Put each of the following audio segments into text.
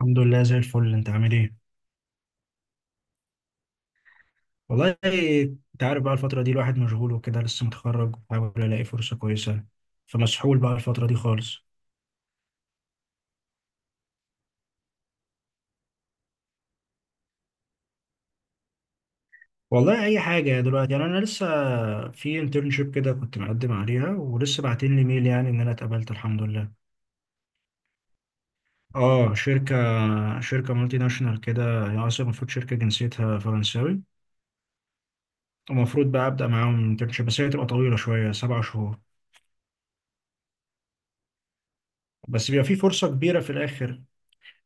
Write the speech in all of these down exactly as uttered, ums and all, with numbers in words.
الحمد لله زي الفل، انت عامل ايه؟ والله انت عارف بقى الفترة دي الواحد مشغول وكده، لسه متخرج بحاول الاقي فرصة كويسة، فمسحول بقى الفترة دي خالص. والله اي حاجة دلوقتي، يعني انا لسه في انترنشيب كده كنت مقدم عليها، ولسه باعتين لي ميل يعني ان انا اتقبلت الحمد لله. اه، شركة. شركة مالتي ناشونال كده، هي اصلا المفروض شركة جنسيتها فرنساوي. ومفروض بقى ابدا معاهم انترنشيب، بس هي هتبقى طويلة شوية، سبع شهور. بس بيبقى في فرصة كبيرة في الاخر.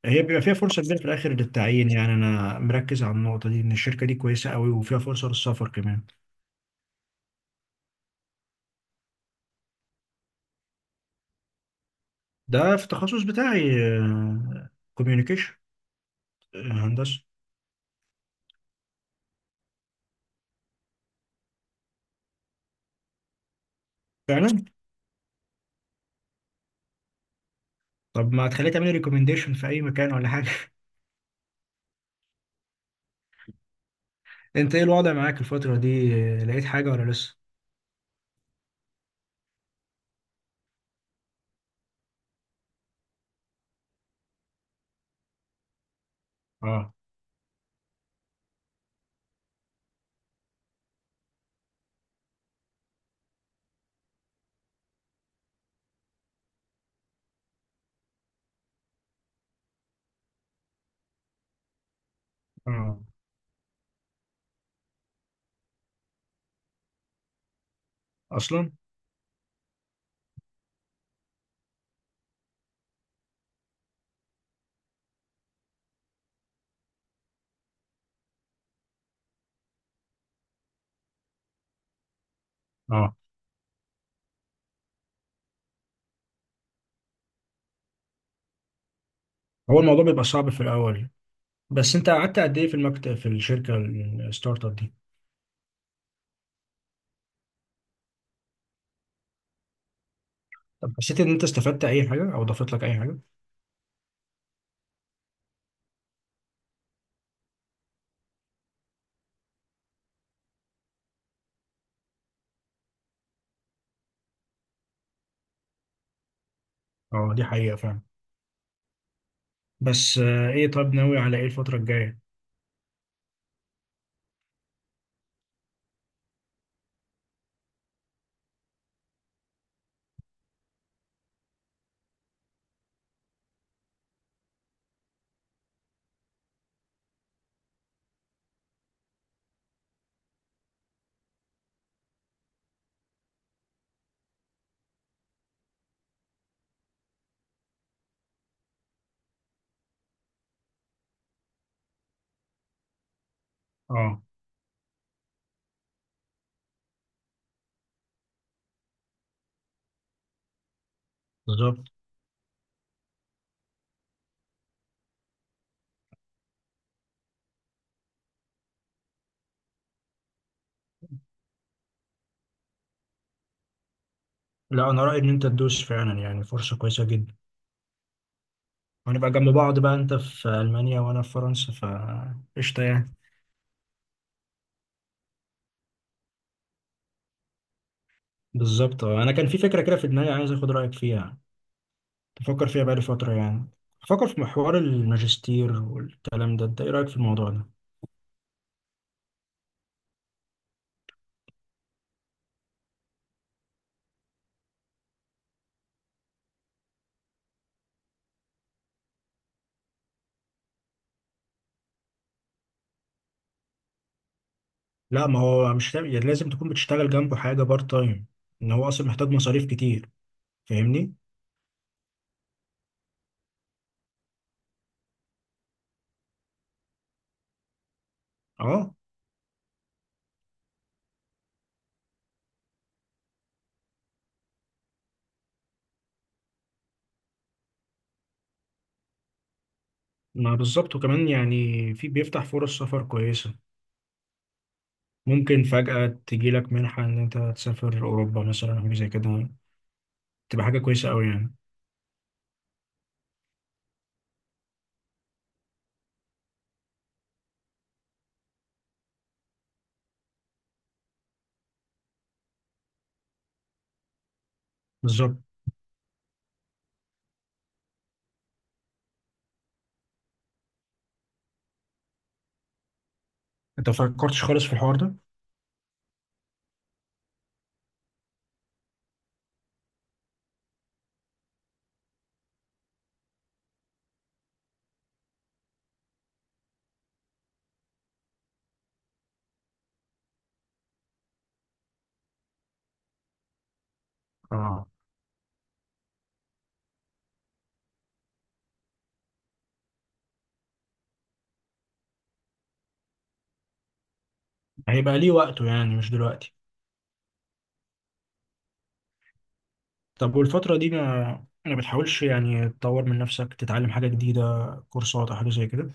هي بيبقى فيها فرصة كبيرة في الآخر للتعيين، يعني أنا مركز على النقطة دي، إن الشركة دي كويسة قوي وفيها فرصة للسفر كمان. ده في التخصص بتاعي، كوميونيكيشن. هندسة. فعلا. طب ما تخليني تعملي ريكومنديشن في أي مكان ولا حاجة؟ أنت إيه الوضع معاك الفترة دي؟ آه، لقيت حاجة ولا لسه؟ آه. آه. أصلا. آه. هو الموضوع بيبقى صعب في الأول. بس أنت قعدت قد إيه في المكتب، في الشركة الستارت أب دي؟ طب حسيت إن أنت استفدت أي حاجة أو ضافت لك أي حاجة؟ آه، دي حقيقة فعلا. بس آه، ايه، طب ناوي على ايه الفترة الجاية؟ اه، بالظبط. لا، انا رأيي ان انت تدوس فعلا، يعني فرصة كويسة جدا. وهنبقى جنب بعض بقى، انت في المانيا وانا في فرنسا، ف قشطة يعني. بالظبط. آه، انا كان في فكرة كده في دماغي، عايز اخد رأيك فيها. تفكر فيها بقالي فترة يعني. بفكر في محور الماجستير والكلام ده، انت ايه رأيك في الموضوع ده؟ لا، ما هو مش لازم، يعني لازم تكون بتشتغل جنبه حاجة بارت تايم. ان هو اصلا محتاج مصاريف كتير، فاهمني. اه. ما بالظبط، وكمان يعني في، بيفتح فرص سفر كويسة. ممكن فجأة تجيلك منحة إن أنت تسافر أوروبا مثلا أو زي كده. تبقى حاجة كويسة أوي يعني. بالظبط. أنت مفكرتش خالص في الحوار ده؟ اه. هيبقى ليه وقته يعني، مش دلوقتي. طب والفترة دي ما ما بتحاولش يعني تطور من نفسك، تتعلم حاجة جديدة، كورسات أو حاجة زي كده؟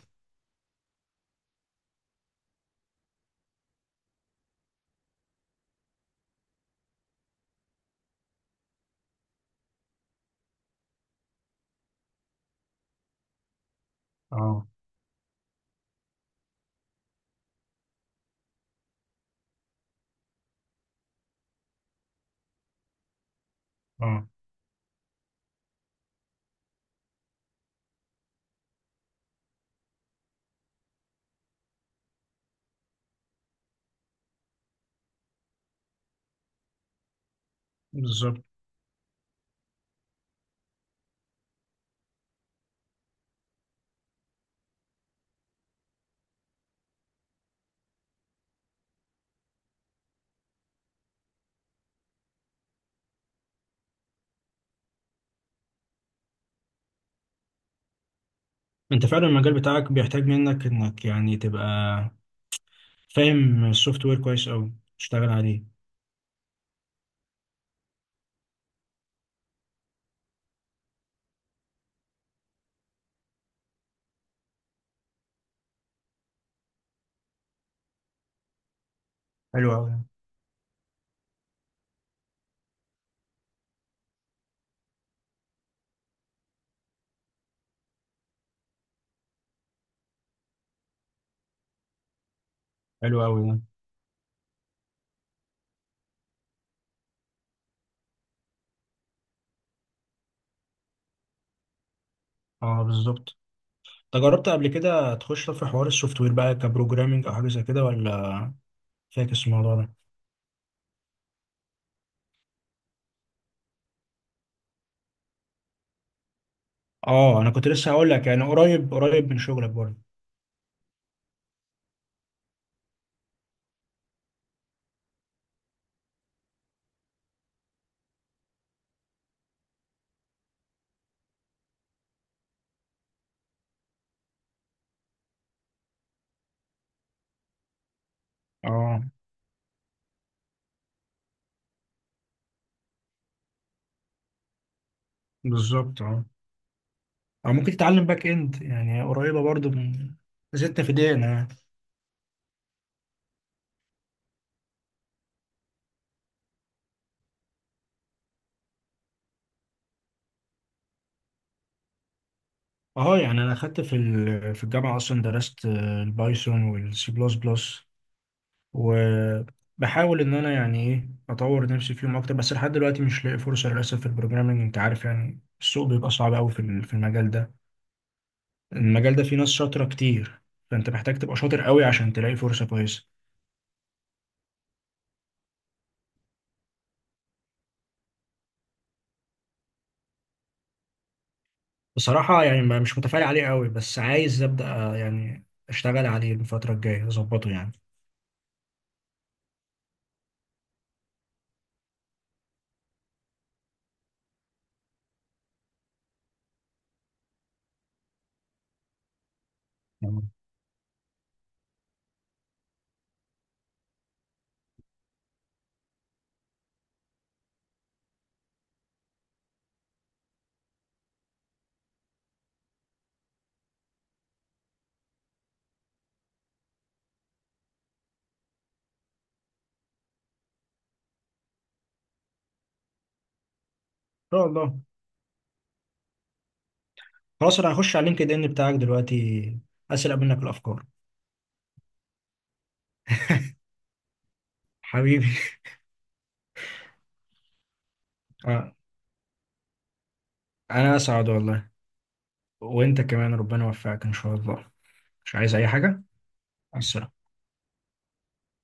اه. اه، بالظبط. انت فعلا المجال بتاعك بيحتاج منك انك يعني تبقى فاهم السوفت وير كويس قوي، تشتغل عليه. حلو قوي. حلو قوي ده. اه، بالظبط. انت جربت قبل كده تخش في حوار السوفت وير بقى كبروجرامينج او حاجه زي كده، ولا فاكس الموضوع ده؟ اه، انا كنت لسه هقول لك، يعني قريب قريب من شغلك برضه. اه، بالظبط. اه. او ممكن تتعلم باك اند، يعني قريبه برضه من، زدت في دقيقه يعني. اه، يعني انا اخدت في ال- في الجامعه اصلا، درست آه، البايثون والسي بلس بلس. وبحاول ان انا يعني ايه اطور نفسي فيهم اكتر، بس لحد دلوقتي مش لاقي فرصه للاسف في البروجرامينج. انت عارف، يعني السوق بيبقى صعب قوي في ال- في المجال ده. المجال ده فيه ناس شاطرة كتير، فأنت محتاج تبقى شاطر قوي عشان تلاقي فرصة كويسة. بصراحة يعني، ما- مش متفائل عليه قوي، بس عايز أبدأ آه، يعني أشتغل عليه الفترة الجاية، أظبطه يعني. تمام. إن شاء الله. خلاص، أنا هخش على اللينكد إن بتاعك دلوقتي، أسرق منك الأفكار. حبيبي. آه. أنا أسعد والله. وأنت كمان ربنا يوفقك إن شاء الله. مش عايز أي حاجة. مع السلامة.